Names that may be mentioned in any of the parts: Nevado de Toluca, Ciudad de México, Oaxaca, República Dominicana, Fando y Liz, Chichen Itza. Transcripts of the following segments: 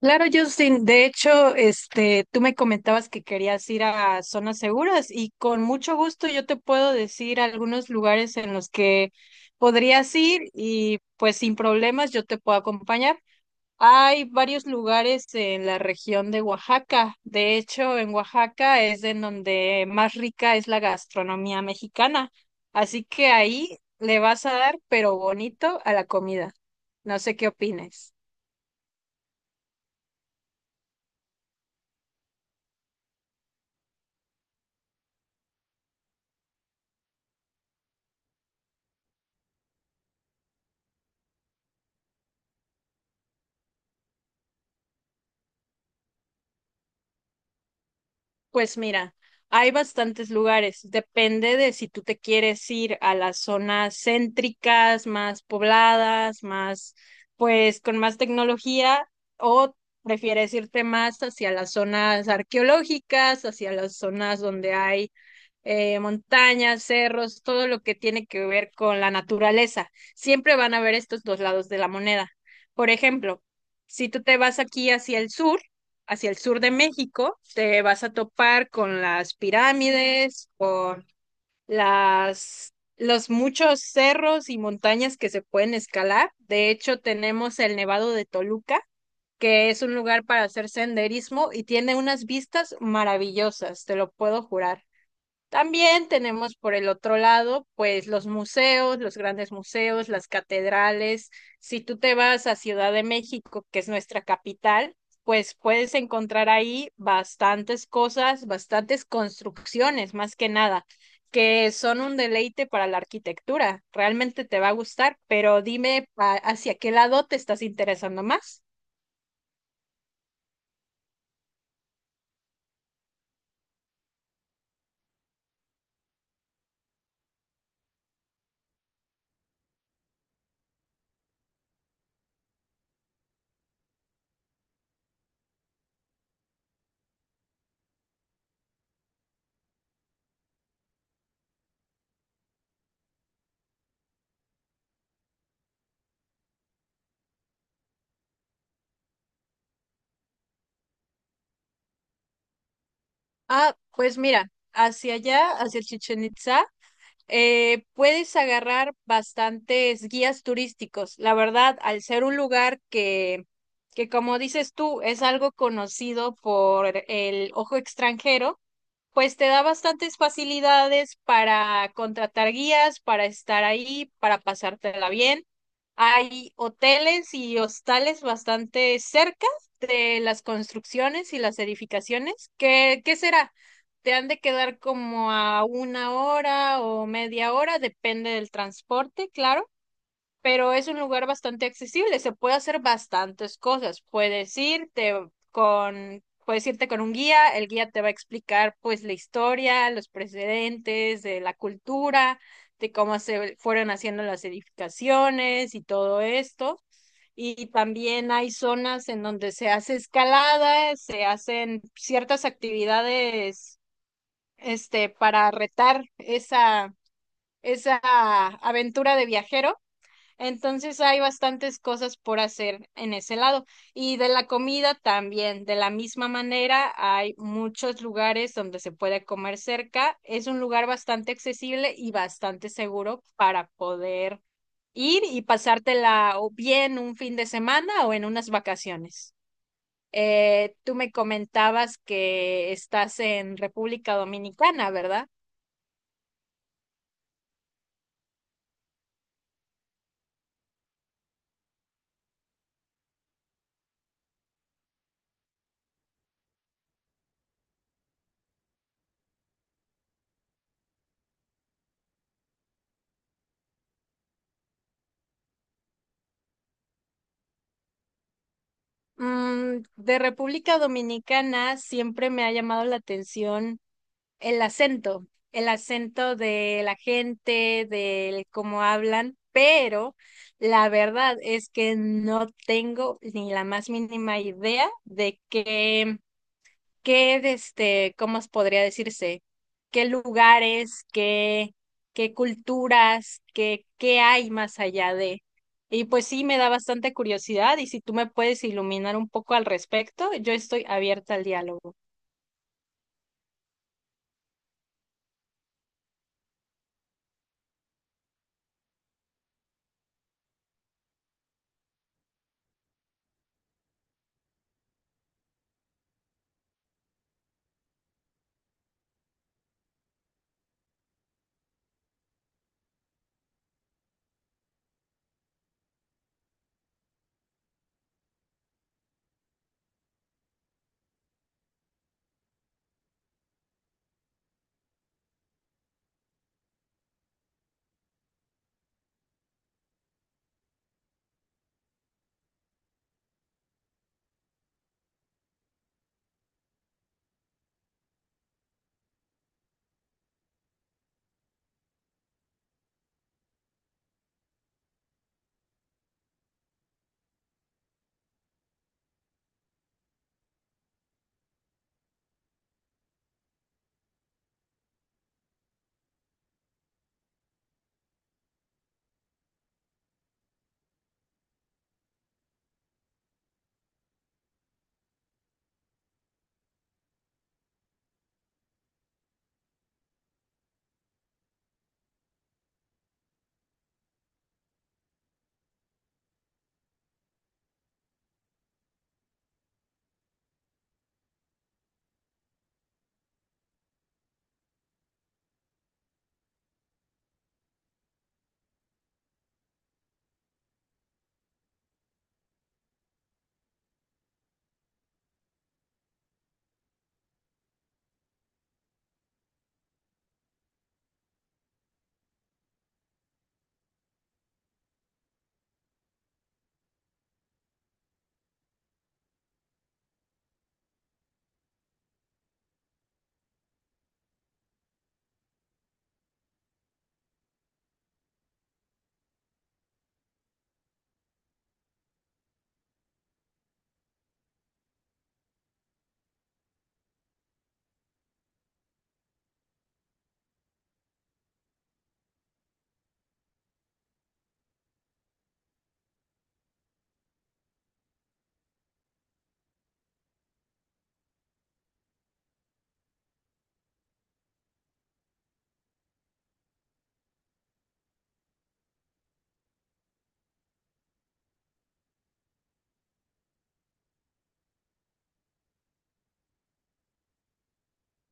Claro, Justin. De hecho, tú me comentabas que querías ir a zonas seguras y con mucho gusto yo te puedo decir algunos lugares en los que podrías ir y pues sin problemas yo te puedo acompañar. Hay varios lugares en la región de Oaxaca. De hecho, en Oaxaca es en donde más rica es la gastronomía mexicana. Así que ahí le vas a dar, pero bonito, a la comida. No sé qué opines. Pues mira, hay bastantes lugares. Depende de si tú te quieres ir a las zonas céntricas, más pobladas, más, pues con más tecnología, o prefieres irte más hacia las zonas arqueológicas, hacia las zonas donde hay montañas, cerros, todo lo que tiene que ver con la naturaleza. Siempre van a haber estos dos lados de la moneda. Por ejemplo, si tú te vas aquí hacia el sur de México, te vas a topar con las pirámides, con las los muchos cerros y montañas que se pueden escalar. De hecho, tenemos el Nevado de Toluca, que es un lugar para hacer senderismo y tiene unas vistas maravillosas, te lo puedo jurar. También tenemos por el otro lado, pues los museos, los grandes museos, las catedrales. Si tú te vas a Ciudad de México, que es nuestra capital, pues puedes encontrar ahí bastantes cosas, bastantes construcciones, más que nada, que son un deleite para la arquitectura. Realmente te va a gustar, pero dime hacia qué lado te estás interesando más. Ah, pues mira, hacia allá, hacia Chichen Itza puedes agarrar bastantes guías turísticos. La verdad, al ser un lugar que como dices tú, es algo conocido por el ojo extranjero, pues te da bastantes facilidades para contratar guías, para estar ahí, para pasártela bien. Hay hoteles y hostales bastante cerca de las construcciones y las edificaciones. ¿ qué será? Te han de quedar como a una hora o media hora, depende del transporte, claro, pero es un lugar bastante accesible, se puede hacer bastantes cosas. Puedes irte puedes irte con un guía, el guía te va a explicar pues la historia, los precedentes de la cultura, de cómo se fueron haciendo las edificaciones y todo esto. Y también hay zonas en donde se hace escalada, se hacen ciertas actividades para retar esa esa aventura de viajero, entonces hay bastantes cosas por hacer en ese lado. Y de la comida también, de la misma manera, hay muchos lugares donde se puede comer cerca. Es un lugar bastante accesible y bastante seguro para poder ir y pasártela o bien un fin de semana o en unas vacaciones. Tú me comentabas que estás en República Dominicana, ¿verdad? Mm, de República Dominicana siempre me ha llamado la atención el acento, el acento de la gente, del cómo hablan, pero la verdad es que no tengo ni la más mínima idea de cómo os podría decirse, qué lugares, qué, qué culturas, qué hay más allá de. Y pues sí, me da bastante curiosidad y si tú me puedes iluminar un poco al respecto, yo estoy abierta al diálogo.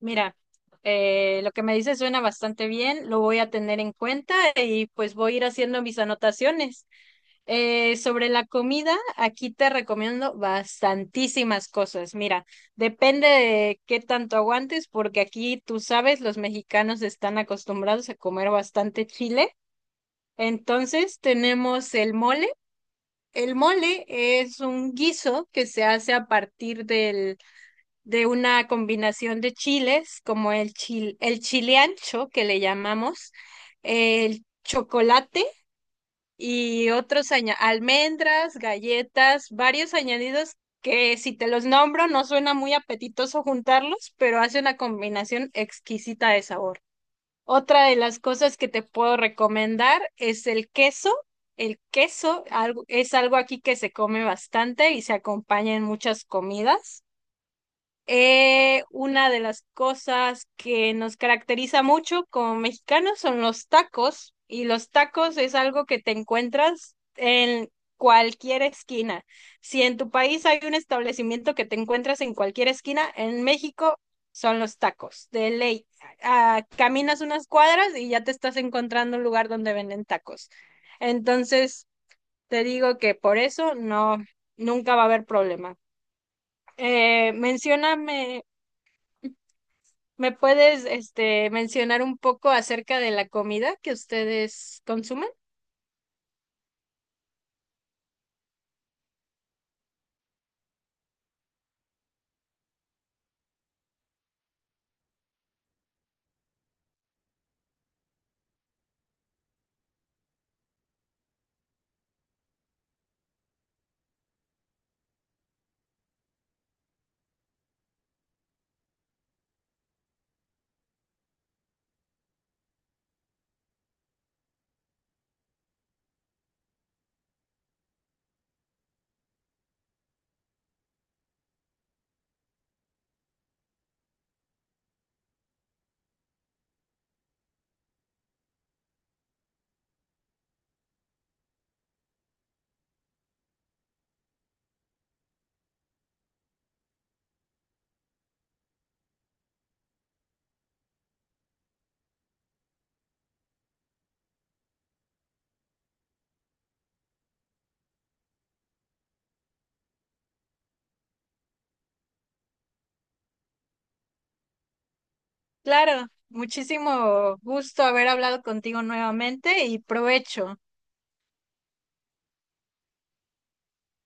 Mira, lo que me dices suena bastante bien, lo voy a tener en cuenta y pues voy a ir haciendo mis anotaciones. Sobre la comida, aquí te recomiendo bastantísimas cosas. Mira, depende de qué tanto aguantes, porque aquí tú sabes, los mexicanos están acostumbrados a comer bastante chile. Entonces tenemos el mole. El mole es un guiso que se hace a partir de una combinación de chiles, como el chile ancho que le llamamos, el chocolate y otros almendras, galletas, varios añadidos que si te los nombro no suena muy apetitoso juntarlos, pero hace una combinación exquisita de sabor. Otra de las cosas que te puedo recomendar es el queso. Es algo aquí que se come bastante y se acompaña en muchas comidas. Una de las cosas que nos caracteriza mucho como mexicanos son los tacos, y los tacos es algo que te encuentras en cualquier esquina. Si en tu país hay un establecimiento que te encuentras en cualquier esquina, en México son los tacos, de ley. Ah, caminas unas cuadras y ya te estás encontrando un lugar donde venden tacos. Entonces, te digo que por eso nunca va a haber problema. Mencióname. ¿Me puedes, mencionar un poco acerca de la comida que ustedes consumen? Claro, muchísimo gusto haber hablado contigo nuevamente y provecho.